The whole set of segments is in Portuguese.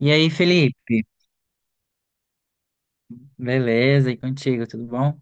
E aí, Felipe? Beleza, e contigo, tudo bom?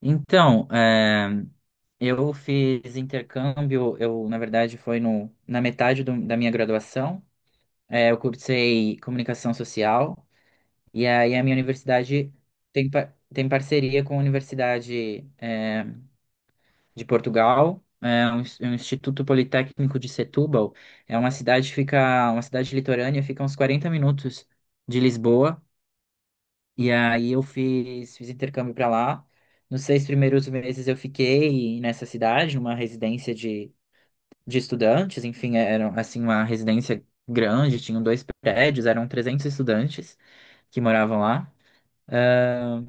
Então, eu fiz intercâmbio, eu, na verdade, foi no, na metade da minha graduação. Eu cursei comunicação social, e aí a minha universidade tem parceria com a Universidade, de Portugal, é um Instituto Politécnico de Setúbal. É uma cidade que fica, uma cidade litorânea, fica a uns 40 minutos de Lisboa. E aí eu fiz, fiz intercâmbio para lá. Nos 6 primeiros meses eu fiquei nessa cidade, numa residência de estudantes. Enfim, era assim uma residência grande, tinham 2 prédios, eram 300 estudantes que moravam lá. Ah,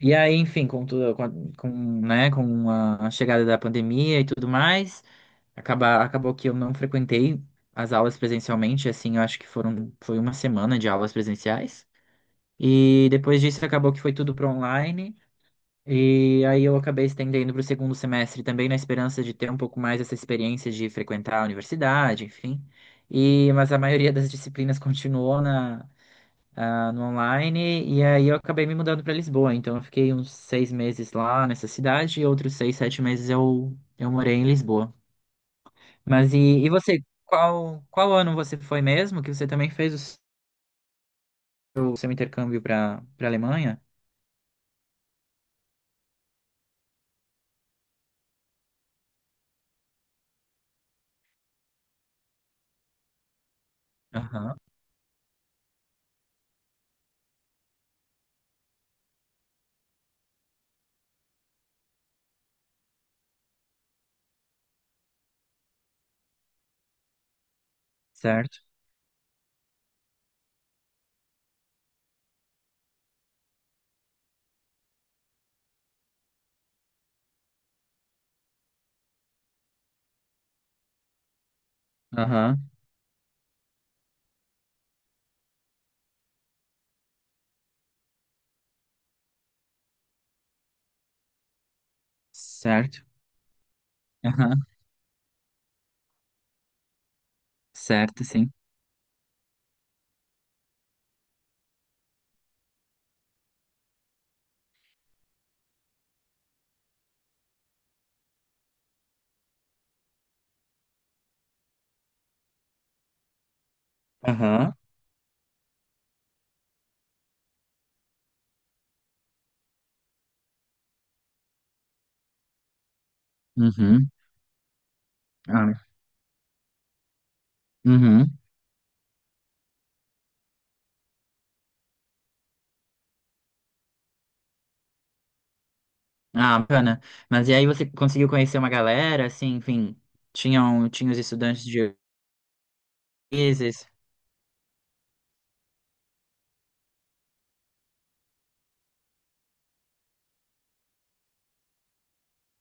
e aí, enfim, com tudo, com a chegada da pandemia e tudo mais, acabou que eu não frequentei as aulas presencialmente, assim, eu acho que foi uma semana de aulas presenciais. E depois disso acabou que foi tudo para online. E aí eu acabei estendendo para o segundo semestre também na esperança de ter um pouco mais essa experiência de frequentar a universidade, enfim. Mas a maioria das disciplinas continuou no online, e aí eu acabei me mudando para Lisboa. Então eu fiquei uns 6 meses lá nessa cidade e outros seis, sete meses eu morei em Lisboa. Mas e você? Qual ano você foi mesmo? Que você também fez o seu intercâmbio para Alemanha? Aham, certo. Aham, certo. Aham, certo, sim. Aham. Uhum. Ah, né? Uhum. Ah, bacana. Mas e aí você conseguiu conhecer uma galera, assim, enfim, tinha os estudantes de ISIS.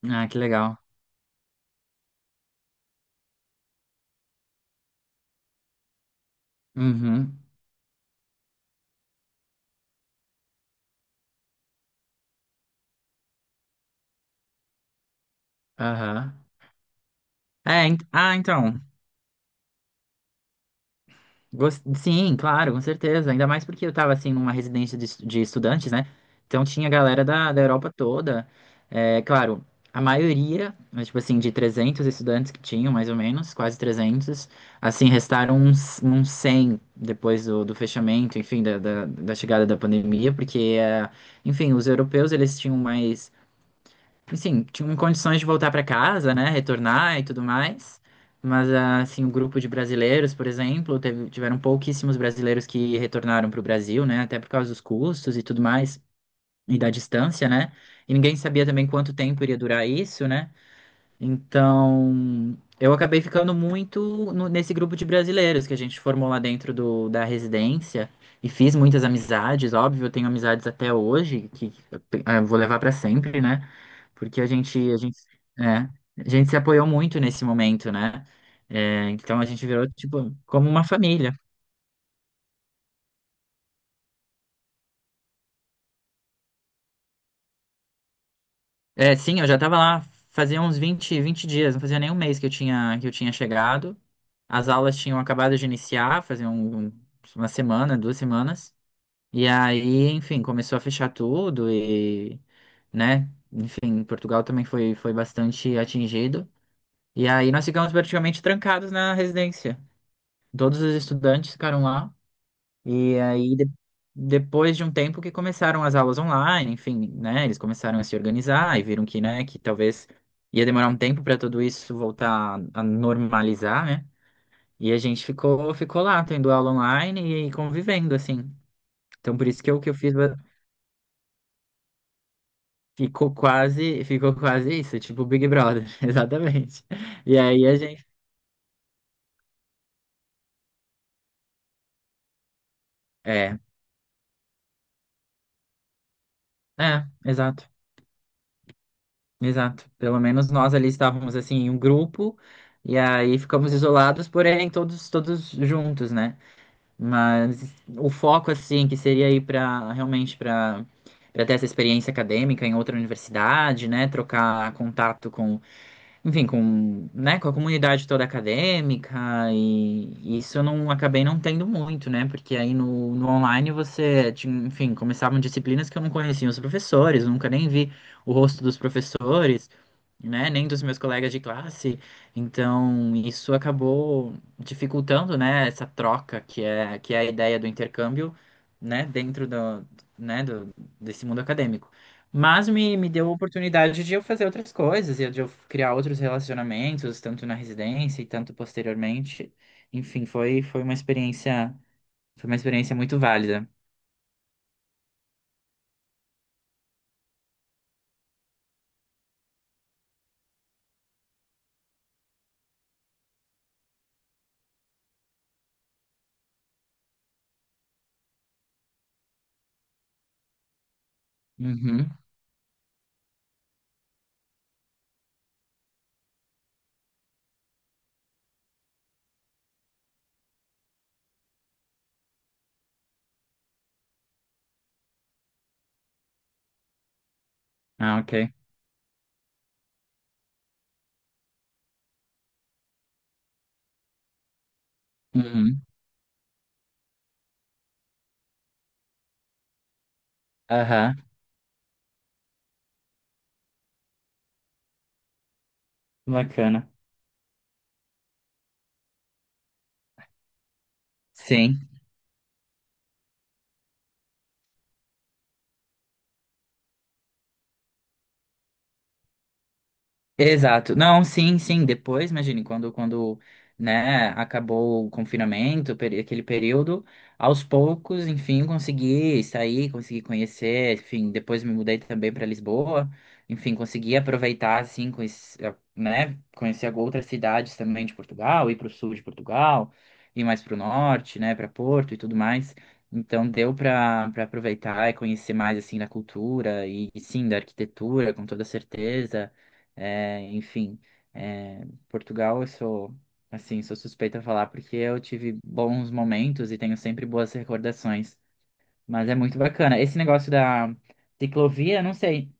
Ah, que legal. Uhum. Aham. Então. Sim, claro, com certeza. Ainda mais porque eu estava assim numa residência de estudantes, né? Então tinha galera da Europa toda. É, claro, a maioria, mas, tipo assim, de 300 estudantes que tinham, mais ou menos, quase 300 assim, restaram uns, uns 100 depois do fechamento, enfim, da chegada da pandemia, porque, é, enfim, os europeus, eles tinham mais assim, tinham condições de voltar para casa, né, retornar e tudo mais. Mas, ah, assim, o grupo de brasileiros, por exemplo, tiveram pouquíssimos brasileiros que retornaram para o Brasil, né, até por causa dos custos e tudo mais, e da distância, né. E ninguém sabia também quanto tempo iria durar isso, né. Então, eu acabei ficando muito nesse grupo de brasileiros que a gente formou lá dentro da residência e fiz muitas amizades, óbvio, eu tenho amizades até hoje que eu vou levar para sempre, né? Porque é, a gente se apoiou muito nesse momento, né? É, então a gente virou tipo como uma família. É, sim, eu já tava lá fazia uns vinte dias, não fazia nem 1 mês que eu tinha chegado. As aulas tinham acabado de iniciar, fazia 1 semana, 2 semanas. E aí, enfim, começou a fechar tudo né, enfim, Portugal também foi, foi bastante atingido. E aí nós ficamos praticamente trancados na residência. Todos os estudantes ficaram lá. E aí, depois de um tempo que começaram as aulas online, enfim, né? Eles começaram a se organizar e viram que, né, que talvez ia demorar um tempo para tudo isso voltar a normalizar, né? E a gente ficou, ficou lá, tendo aula online e convivendo, assim. Então, por isso que o que eu fiz ficou quase isso, tipo Big Brother, exatamente. E aí a gente. É, é, exato. Exato. Pelo menos nós ali estávamos assim em um grupo e aí ficamos isolados, porém todos todos juntos, né? Mas o foco assim que seria ir para realmente para ter essa experiência acadêmica em outra universidade, né? Trocar contato com enfim, com, né, com a comunidade toda acadêmica e isso eu não acabei não tendo muito, né? Porque aí no online você, tinha, enfim, começavam disciplinas que eu não conhecia os professores, nunca nem vi o rosto dos professores, né, nem dos meus colegas de classe. Então, isso acabou dificultando, né, essa troca que é a ideia do intercâmbio, né, dentro do desse mundo acadêmico. Mas me deu a oportunidade de eu fazer outras coisas, e de eu criar outros relacionamentos, tanto na residência e tanto posteriormente. Enfim, foi uma experiência muito válida. Uhum. Ah, ok. Uhum. Aham. Bacana. Sim. Exato. Não, sim, sim. Depois, imagine, quando né, acabou o confinamento, aquele período, aos poucos, enfim, consegui sair, consegui conhecer, enfim, depois me mudei também para Lisboa, enfim, consegui aproveitar, assim, né, conhecer outras cidades também de Portugal, ir para o sul de Portugal, ir mais para o norte, né, para Porto e tudo mais. Então deu para aproveitar e conhecer mais assim da cultura e sim da arquitetura, com toda certeza. Enfim, Portugal, eu sou, assim, sou suspeita a falar porque eu tive bons momentos e tenho sempre boas recordações. Mas é muito bacana. Esse negócio da ciclovia, eu não sei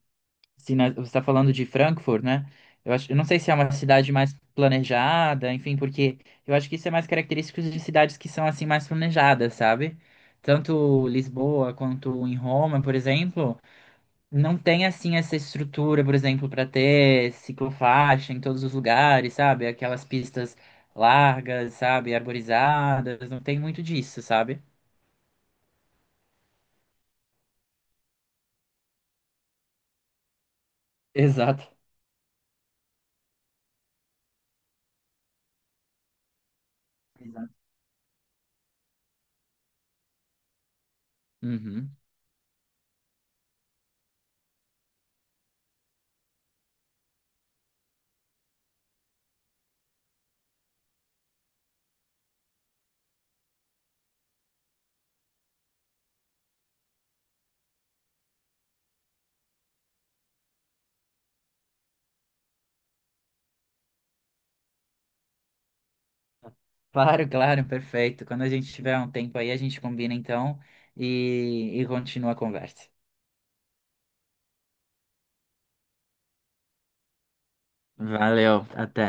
se você está falando de Frankfurt, né? Eu acho, eu não sei se é uma cidade mais planejada, enfim, porque eu acho que isso é mais característico de cidades que são assim mais planejadas, sabe? Tanto Lisboa quanto em Roma, por exemplo não tem assim essa estrutura, por exemplo, para ter ciclofaixa em todos os lugares, sabe? Aquelas pistas largas, sabe? Arborizadas, não tem muito disso, sabe? Exato. Exato. Uhum. Claro, claro, perfeito. Quando a gente tiver um tempo aí, a gente combina então e continua a conversa. Valeu, até.